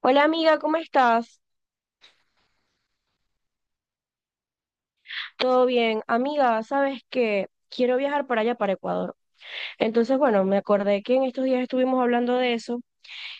Hola amiga, ¿cómo estás? ¿Todo bien? Amiga, ¿sabes qué? Quiero viajar para allá, para Ecuador. Entonces, bueno, me acordé que en estos días estuvimos hablando de eso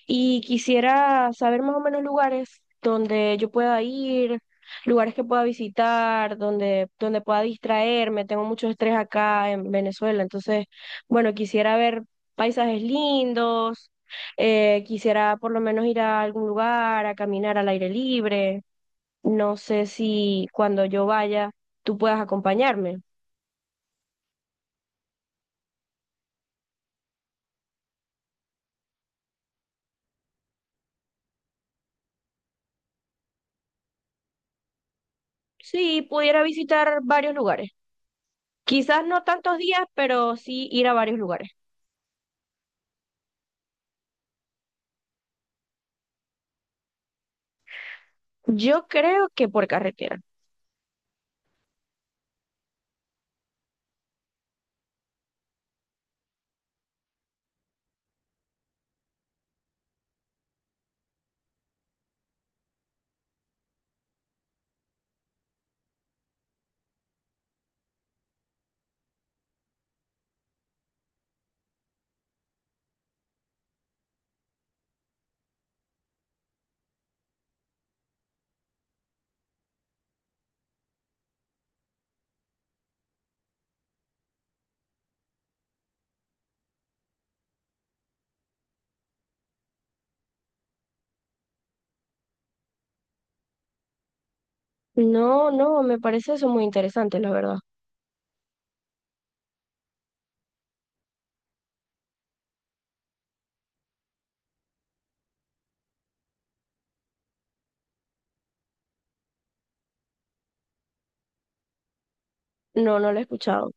y quisiera saber más o menos lugares donde yo pueda ir, lugares que pueda visitar, donde pueda distraerme. Tengo mucho estrés acá en Venezuela, entonces, bueno, quisiera ver paisajes lindos, quisiera por lo menos ir a algún lugar, a caminar al aire libre. No sé si cuando yo vaya tú puedas acompañarme. Sí, pudiera visitar varios lugares. Quizás no tantos días, pero sí ir a varios lugares. Yo creo que por carretera. No, no, me parece eso muy interesante, la verdad. No, no lo he escuchado.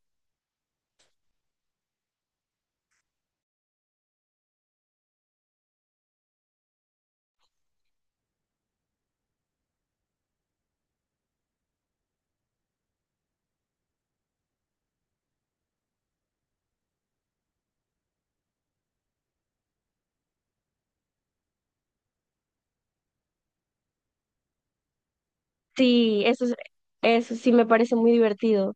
Sí, eso, eso sí me parece muy divertido.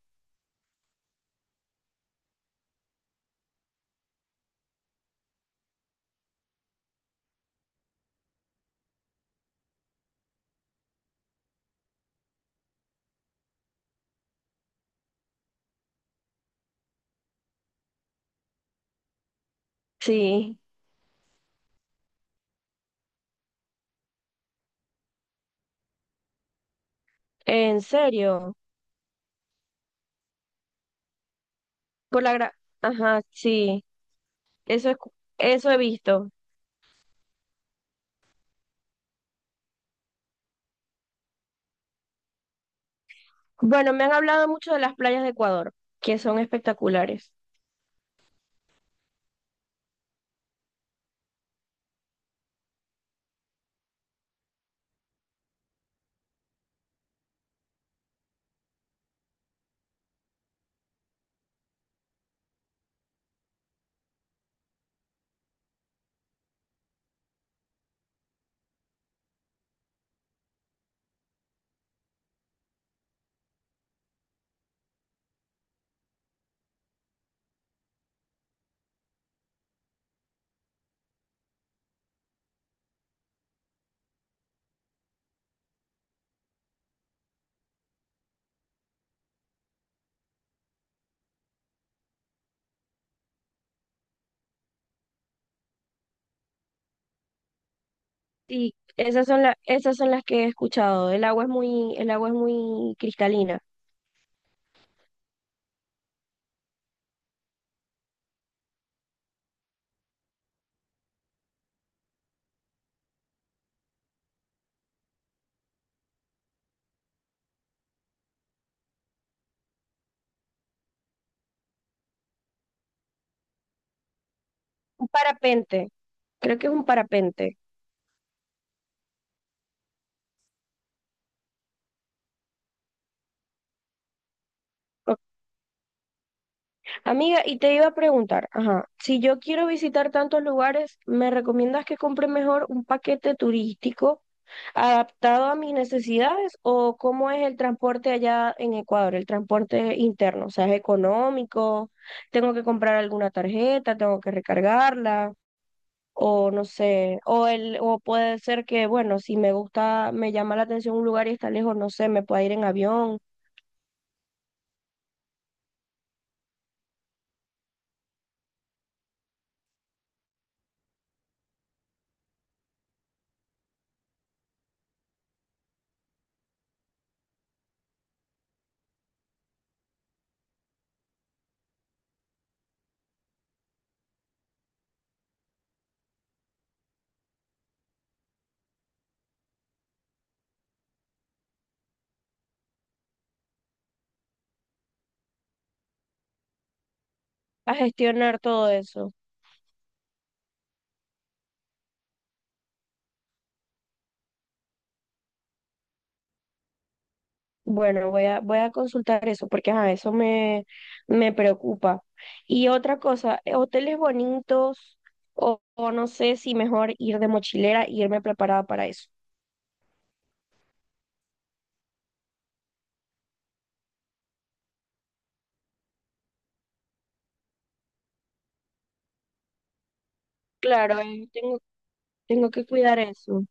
Sí, en serio. Por la gra... Ajá, sí, eso es, eso he visto. Bueno, me han hablado mucho de las playas de Ecuador, que son espectaculares. Sí, esas son esas son las que he escuchado. El agua es el agua es muy cristalina. Un parapente, creo que es un parapente. Ok. Amiga, y te iba a preguntar, ajá, si yo quiero visitar tantos lugares, ¿me recomiendas que compre mejor un paquete turístico adaptado a mis necesidades o cómo es el transporte allá en Ecuador, el transporte interno? O sea, ¿es económico? ¿Tengo que comprar alguna tarjeta? ¿Tengo que recargarla? O no sé, o puede ser que, bueno, si me gusta, me llama la atención un lugar y está lejos, no sé, me pueda ir en avión, a gestionar todo eso. Bueno, voy a consultar eso porque ajá, me preocupa. Y otra cosa, hoteles bonitos, o no sé si mejor ir de mochilera y irme preparada para eso. Claro, tengo que cuidar eso.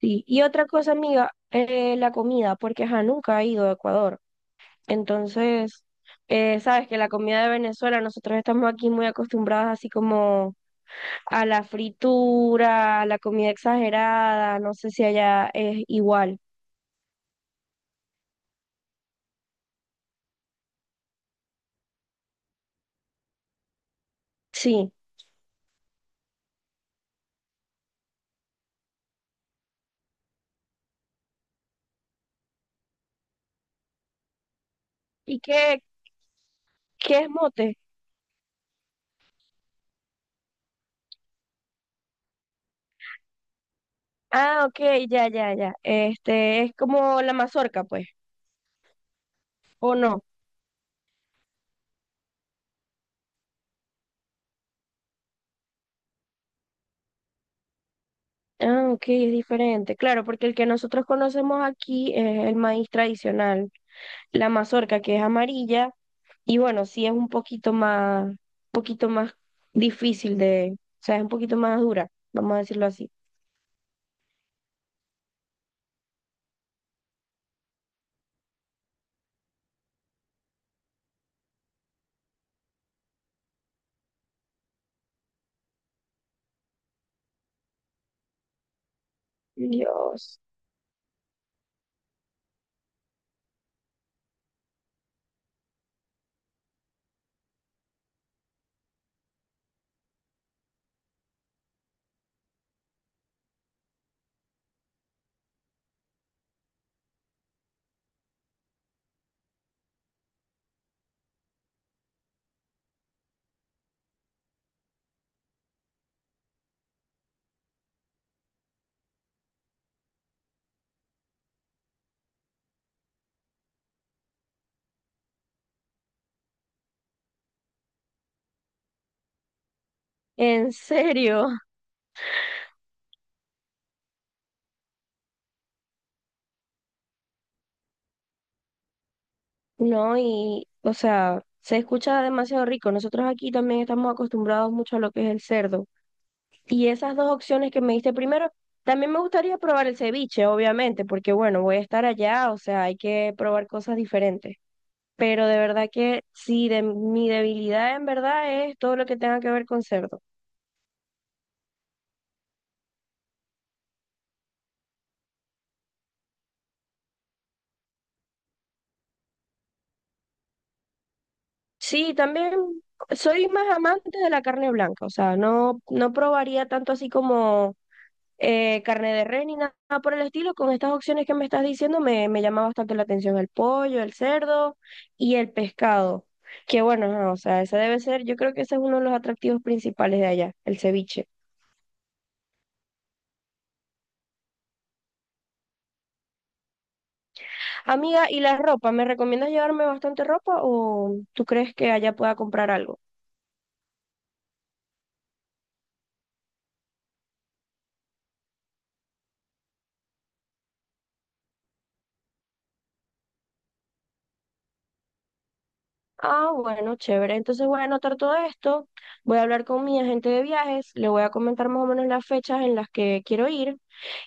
Sí. Y otra cosa, amiga, la comida, porque ajá, nunca he ido a Ecuador. Entonces, sabes que la comida de Venezuela, nosotros estamos aquí muy acostumbrados así como a la fritura, a la comida exagerada, no sé si allá es igual. Sí. ¿Y qué, qué es mote? Ah, ok, ya, ya, ya. Este, es como la mazorca, pues, ¿o no? Ah, ok, es diferente. Claro, porque el que nosotros conocemos aquí es el maíz tradicional, la mazorca que es amarilla y bueno, sí es un poquito más difícil de, o sea, es un poquito más dura, vamos a decirlo así. Dios, ¿en serio? No, y, o sea, se escucha demasiado rico. Nosotros aquí también estamos acostumbrados mucho a lo que es el cerdo. Y esas dos opciones que me diste primero, también me gustaría probar el ceviche, obviamente, porque bueno, voy a estar allá, o sea, hay que probar cosas diferentes. Pero de verdad que sí, de, mi debilidad en verdad es todo lo que tenga que ver con cerdo. Sí, también soy más amante de la carne blanca, o sea, no, no probaría tanto así como carne de res ni nada por el estilo. Con estas opciones que me estás diciendo me llama bastante la atención el pollo, el cerdo y el pescado. Que bueno, ajá, o sea, ese debe ser, yo creo que ese es uno de los atractivos principales de allá, el ceviche. Amiga, ¿y la ropa? ¿Me recomiendas llevarme bastante ropa o tú crees que allá pueda comprar algo? Ah, bueno, chévere. Entonces voy a anotar todo esto, voy a hablar con mi agente de viajes, le voy a comentar más o menos las fechas en las que quiero ir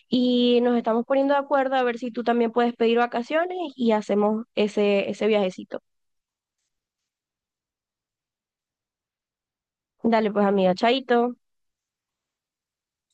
y nos estamos poniendo de acuerdo a ver si tú también puedes pedir vacaciones y hacemos ese viajecito. Dale pues amiga, chaito.